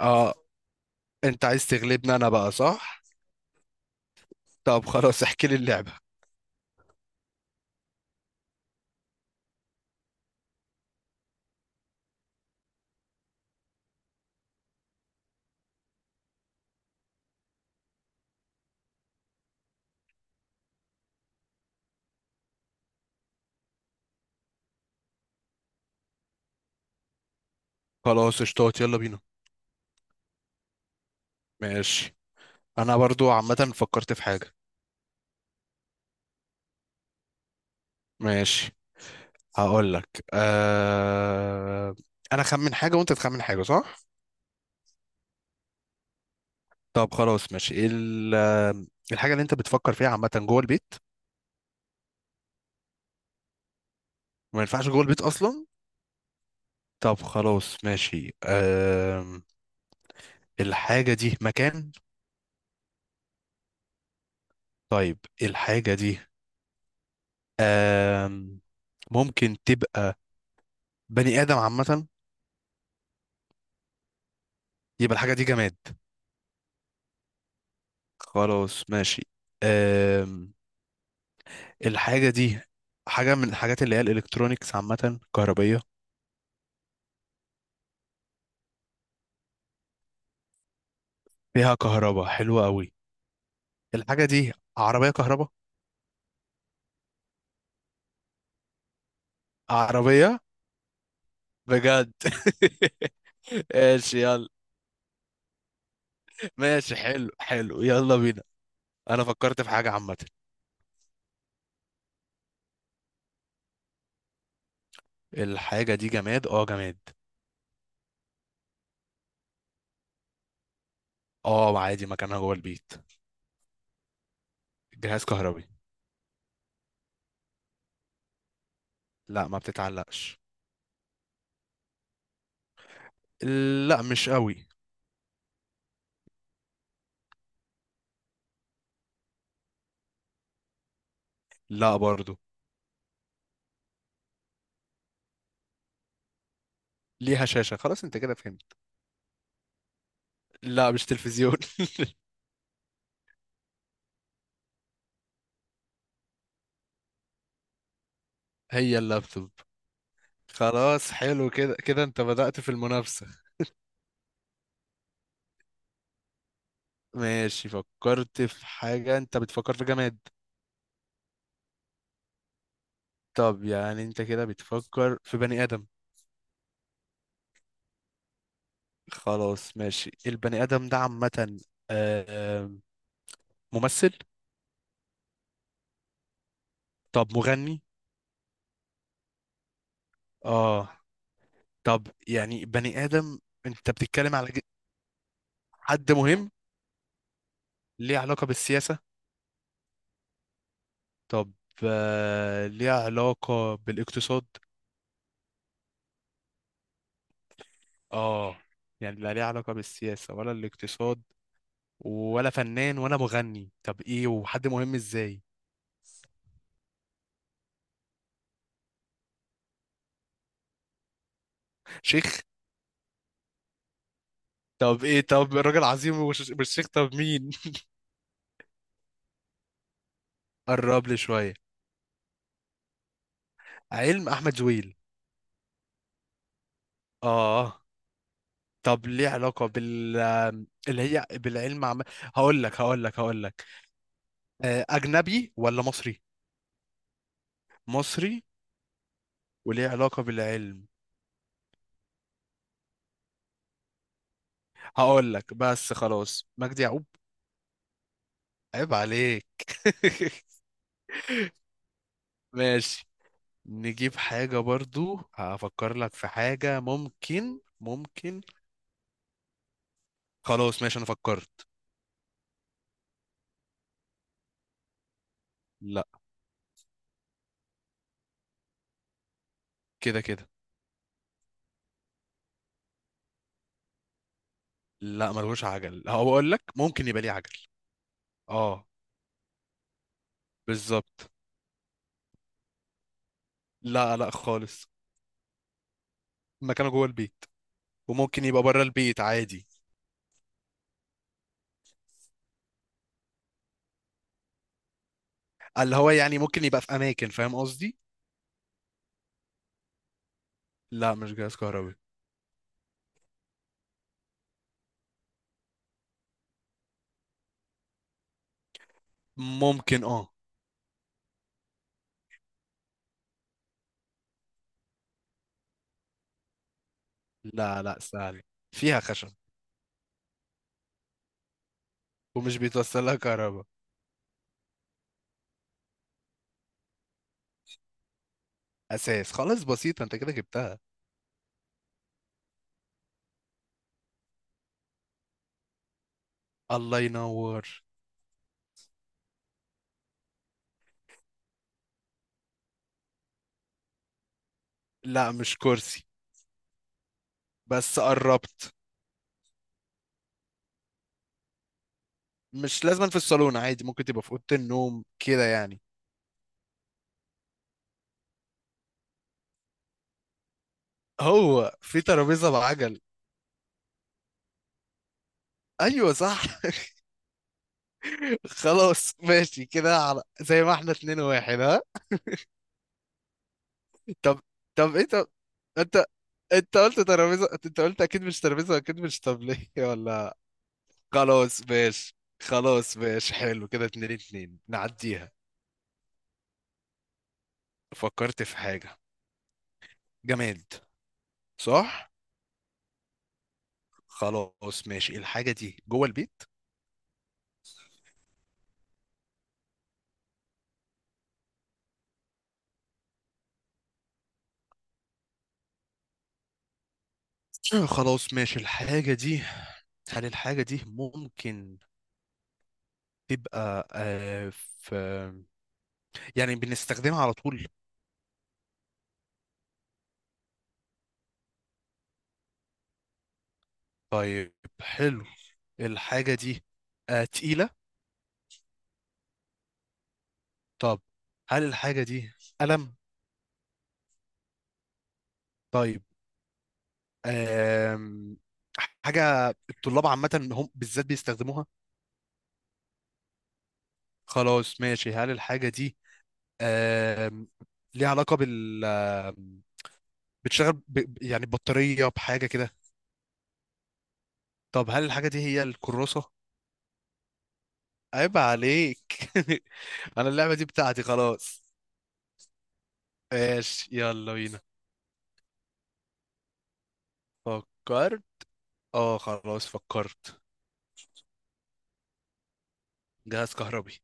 اه، انت عايز تغلبني انا، بقى صح؟ طب خلاص، احكي لي اللعبه. خلاص اشتوت، يلا بينا. ماشي، انا برضو عامه فكرت في حاجه. ماشي، هقول لك انا خمن حاجه وانت تخمن حاجه، صح؟ طب خلاص ماشي، ايه ال... آه، الحاجه اللي انت بتفكر فيها عامه جوه البيت؟ ما ينفعش جوه البيت اصلا. طب خلاص ماشي، الحاجه دي مكان؟ طيب الحاجه دي آه... ممكن تبقى بني ادم عامه؟ يبقى الحاجه دي جماد. خلاص ماشي. أم... الحاجة دي حاجة من الحاجات اللي هي الإلكترونيكس عامة، كهربية. فيها كهرباء حلوة قوي. الحاجة دي عربية كهرباء. عربية. بجد ماشي يلا. ماشي، حلو حلو، يلا بينا. أنا فكرت في حاجة عامة. الحاجة دي جماد، اه جماد. اه عادي، مكانها جوه البيت. جهاز كهربي. لا ما بتتعلقش. لا مش قوي. لا برضو. ليها شاشة، خلاص انت كده فهمت. لا مش تلفزيون هي اللابتوب. خلاص حلو كده، كده انت بدأت في المنافسة. ماشي، فكرت في حاجة، انت بتفكر في جماد. طب يعني انت كده بتفكر في بني آدم. خلاص ماشي، البني آدم ده عامة آه، آه، ممثل؟ طب مغني؟ اه. طب يعني بني آدم، انت بتتكلم على حد مهم؟ ليه علاقة بالسياسة؟ طب ليه علاقة بالاقتصاد؟ اه. يعني لا ليه علاقة بالسياسة ولا الاقتصاد، ولا فنان ولا مغني، طب ايه؟ وحد مهم ازاي؟ شيخ؟ طب ايه؟ طب الراجل عظيم مش شيخ، طب مين قرب لي شويه. علم، احمد زويل. اه. طب ليه علاقه اللي هي بالعلم هقول لك هقول لك هقول لك. اجنبي ولا مصري؟ مصري. وليه علاقه بالعلم. هقول لك بس خلاص، مجدي يعقوب. عيب عليك ماشي. نجيب حاجة برضو، هفكر لك في حاجة، ممكن ممكن. خلاص ماشي، انا فكرت. لا كده كده. لا ملهوش عجل، هو اقول لك ممكن يبقى ليه عجل. اه بالظبط. لا لا خالص. مكانه جوه البيت، وممكن يبقى بره البيت عادي. اللي هو يعني ممكن يبقى في اماكن، فاهم قصدي. لا مش جهاز كهربي. ممكن اه. لا لا سهل. فيها خشب. ومش بيتوصل لها كهرباء. اساس، خلاص بسيطه انت كده جبتها. الله ينور. لا مش كرسي. بس قربت. مش لازم في الصالون، عادي ممكن تبقى في اوضه النوم كده يعني. هو في ترابيزة بعجل؟ ايوه صح خلاص ماشي كده، على زي ما احنا 2-1، ها؟ طب طب ايه؟ طب انت انت قلت ترابيزة، انت قلت اكيد مش ترابيزة، اكيد مش طبلية ولا؟ خلاص ماشي. خلاص ماشي حلو كده، 2-2، نعديها. فكرت في حاجة. جماد، صح. خلاص ماشي، الحاجة دي جوه البيت. خلاص ماشي، الحاجة دي، هل الحاجة دي ممكن تبقى آه، في يعني بنستخدمها على طول؟ طيب حلو. الحاجة دي تقيلة؟ طب هل الحاجة دي قلم؟ طيب. آم حاجة الطلاب عامة، هم بالذات بيستخدموها. خلاص ماشي، هل الحاجة دي آم ليها علاقة بال آم، بتشتغل يعني بطارية، بحاجة كده؟ طب هل الحاجة دي هي الكراسة؟ عيب عليك انا اللعبة دي بتاعتي خلاص. ماشي يلا بينا. فكر. اه خلاص فكرت. جهاز كهربي.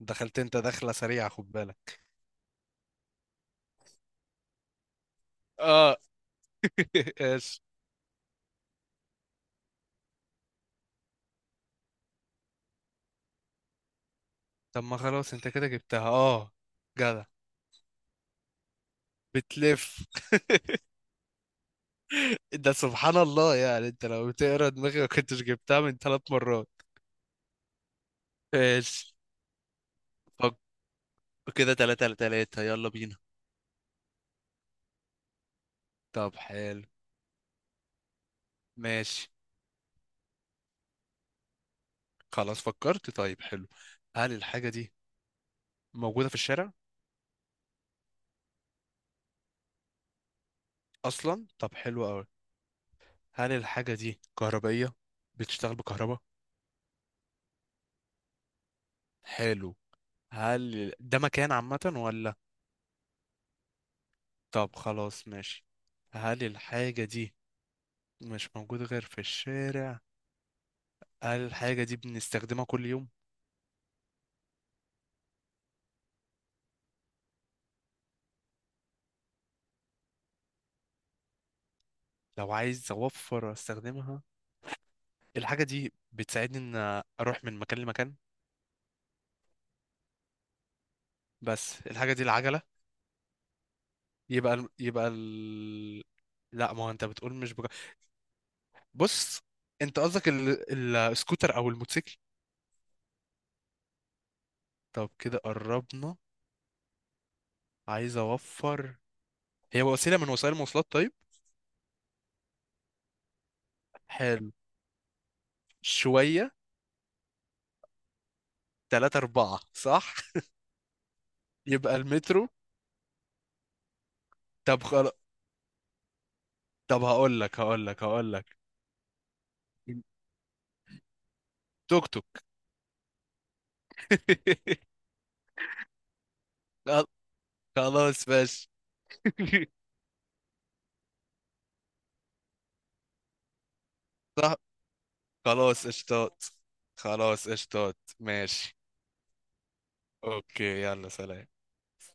دخلت، انت دخلة سريعة، خد بالك. اه. ايش. طب ما خلاص انت كده جبتها، اه جدع. بتلف. ده سبحان الله، يعني انت لو بتقرا دماغي ما كنتش جبتها من 3 مرات. ايش. فك. كده 3-3، يلا بينا. طب حلو. ماشي. خلاص فكرت، طيب حلو. هل الحاجة دي موجودة في الشارع؟ أصلا. طب حلو أوي. هل الحاجة دي كهربائية، بتشتغل بكهرباء؟ حلو. هل ده مكان عامة ولا؟ طب خلاص ماشي، هل الحاجة دي مش موجودة غير في الشارع؟ هل الحاجة دي بنستخدمها كل يوم؟ لو عايز أوفر أستخدمها. الحاجة دي بتساعدني إن أروح من مكان لمكان. بس الحاجة دي العجلة؟ يبقى ال... يبقى ال... لا، ما هو أنت بتقول مش بص، أنت قصدك السكوتر أو الموتوسيكل؟ طب كده قربنا. عايز أوفر. هي وسيلة من وسائل المواصلات، طيب. حلو. شوية. تلاتة أربعة، صح؟ يبقى المترو؟ طب خلاص. طب هقول لك هقول لك هقول لك. توك توك خل- خلاص ماشي. صح. خلاص اشتاط، خلاص اشتاط، ماشي. اوكي، يلا سلام.